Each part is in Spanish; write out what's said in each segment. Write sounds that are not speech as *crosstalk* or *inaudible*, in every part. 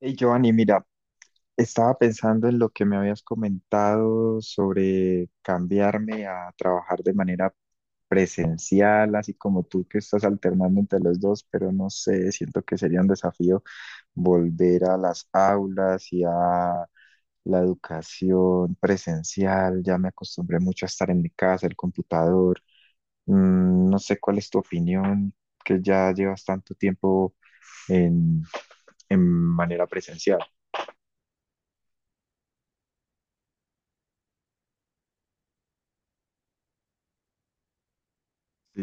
Hey, Giovanni, mira, estaba pensando en lo que me habías comentado sobre cambiarme a trabajar de manera presencial, así como tú que estás alternando entre los dos, pero no sé, siento que sería un desafío volver a las aulas y a la educación presencial. Ya me acostumbré mucho a estar en mi casa, el computador. Mm, no sé cuál es tu opinión, que ya llevas tanto tiempo en, en manera presencial. Sí.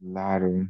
Claro.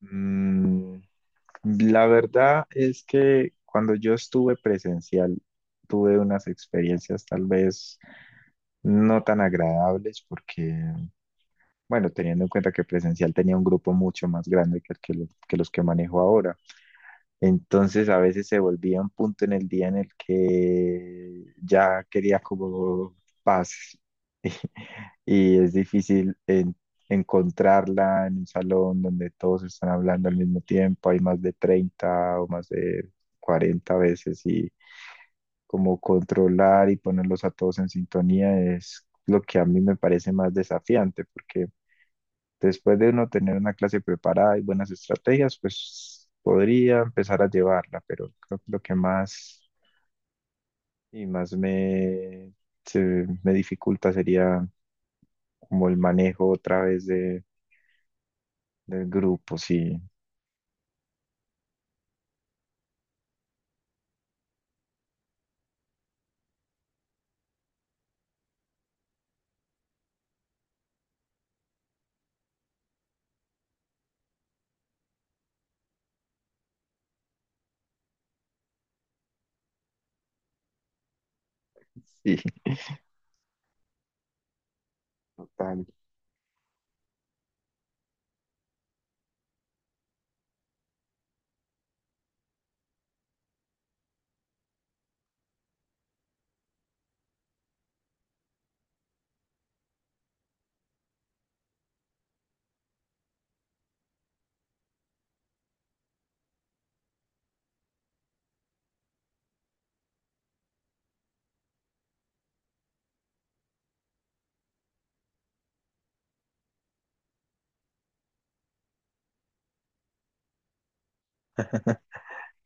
Mm, la verdad es que cuando yo estuve presencial, tuve unas experiencias tal vez no tan agradables porque, bueno, teniendo en cuenta que presencial tenía un grupo mucho más grande que los que manejo ahora. Entonces a veces se volvía un punto en el día en el que ya quería como paz *laughs* y es difícil encontrarla en un salón donde todos están hablando al mismo tiempo, hay más de 30 o más de 40 veces y como controlar y ponerlos a todos en sintonía es lo que a mí me parece más desafiante porque después de uno tener una clase preparada y buenas estrategias, pues podría empezar a llevarla, pero creo que lo que más y más me dificulta sería como el manejo otra vez del grupo, sí, sí, *laughs* total,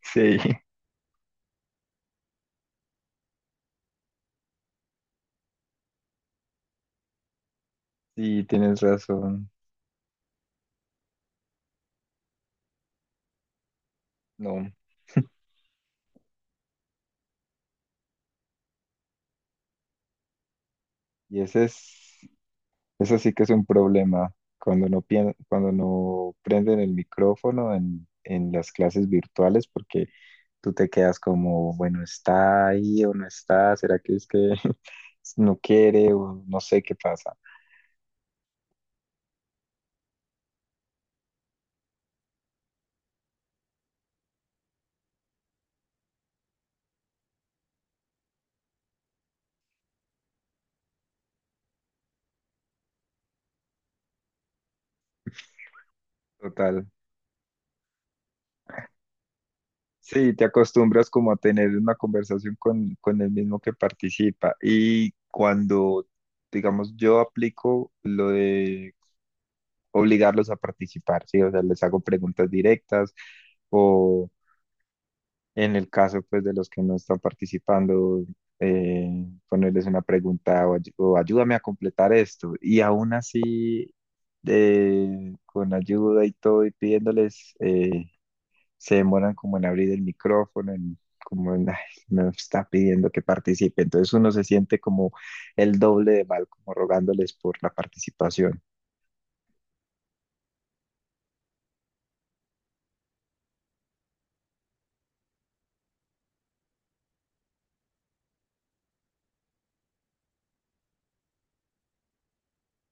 sí, sí, tienes razón, no, y ese es, eso sí que es un problema, cuando no prenden el micrófono en las clases virtuales, porque tú te quedas como, bueno, ¿está ahí o no está? ¿Será que es que *laughs* no quiere o no sé qué pasa? Total. Sí, te acostumbras como a tener una conversación con el mismo que participa. Y cuando, digamos, yo aplico lo de obligarlos a participar, ¿sí? O sea, les hago preguntas directas o en el caso, pues, de los que no están participando, eh, ponerles una pregunta o o ayúdame a completar esto. Y aún así, con ayuda y todo, y pidiéndoles, se demoran como en abrir el micrófono, en, como en, "Ay, me está pidiendo que participe". Entonces uno se siente como el doble de mal, como rogándoles por la participación.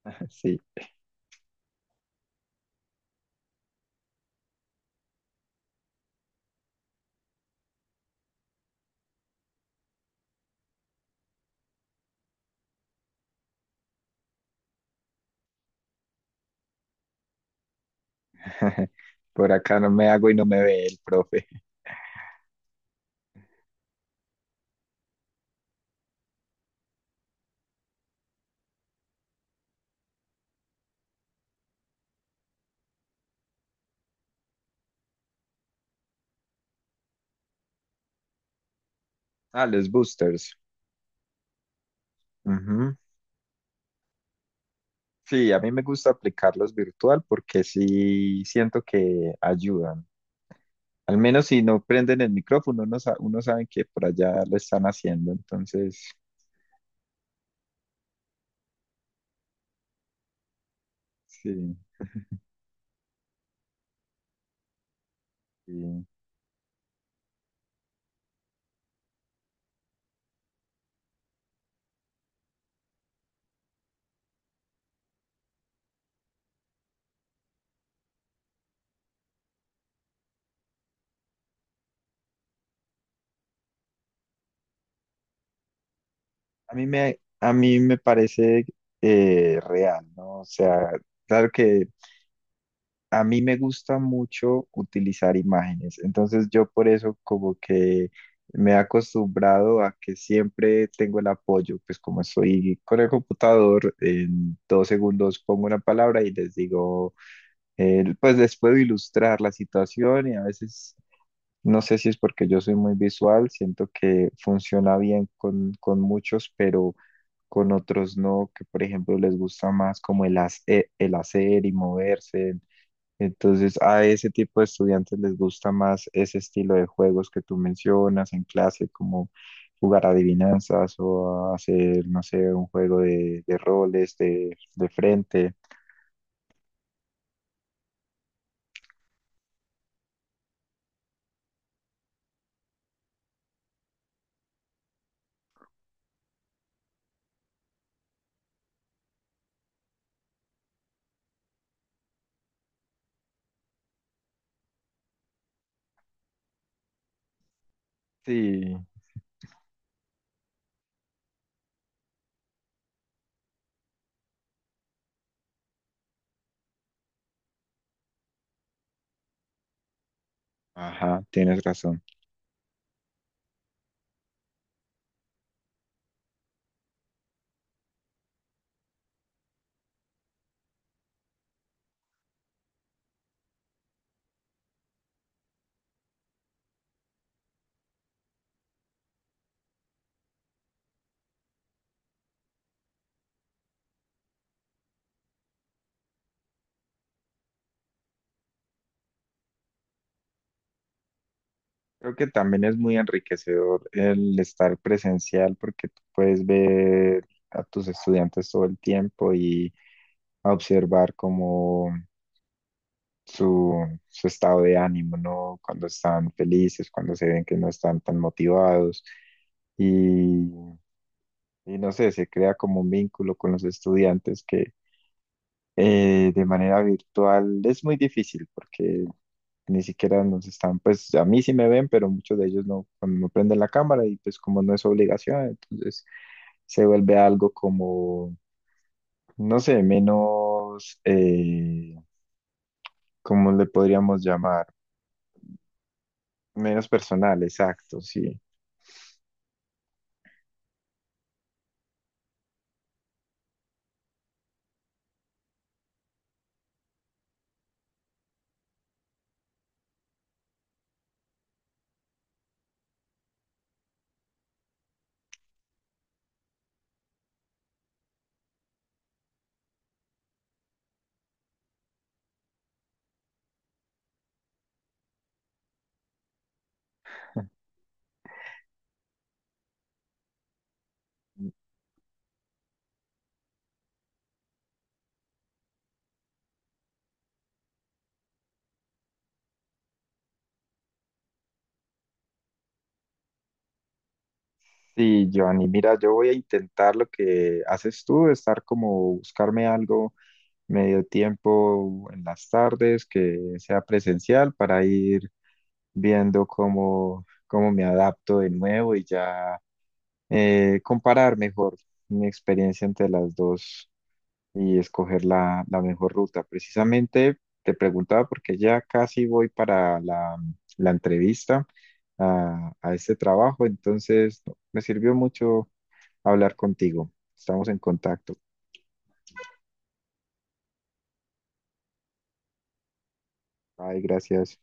*laughs* Sí, *laughs* por acá no me hago y no me ve el profe. Ah, los boosters. Sí, a mí me gusta aplicarlos virtual porque sí siento que ayudan. Al menos si no prenden el micrófono, uno, uno sabe que por allá lo están haciendo. Entonces, sí, sí. A mí me parece real, ¿no? O sea, claro que a mí me gusta mucho utilizar imágenes, entonces yo por eso como que me he acostumbrado a que siempre tengo el apoyo, pues como estoy con el computador, en 2 segundos pongo una palabra y les digo, pues les puedo ilustrar la situación y a veces, no sé si es porque yo soy muy visual, siento que funciona bien con muchos, pero con otros no, que por ejemplo les gusta más como el hacer y moverse. Entonces, a ese tipo de estudiantes les gusta más ese estilo de juegos que tú mencionas en clase, como jugar adivinanzas o a hacer, no sé, un juego de roles de frente. Sí, ajá, tienes razón. Creo que también es muy enriquecedor el estar presencial porque tú puedes ver a tus estudiantes todo el tiempo y observar cómo su, su estado de ánimo, ¿no? Cuando están felices, cuando se ven que no están tan motivados y, y no sé, se crea como un vínculo con los estudiantes que de manera virtual es muy difícil porque ni siquiera nos están, pues a mí sí me ven, pero muchos de ellos no, no prenden la cámara y pues como no es obligación, entonces se vuelve algo como, no sé, menos, ¿cómo le podríamos llamar? Menos personal, exacto, sí. Sí, Joanny, mira, yo voy a intentar lo que haces tú, estar como buscarme algo medio tiempo en las tardes que sea presencial para ir viendo cómo, cómo me adapto de nuevo y ya comparar mejor mi experiencia entre las dos y escoger la mejor ruta. Precisamente te preguntaba porque ya casi voy para la entrevista a este trabajo, entonces me sirvió mucho hablar contigo. Estamos en contacto. Ay, gracias.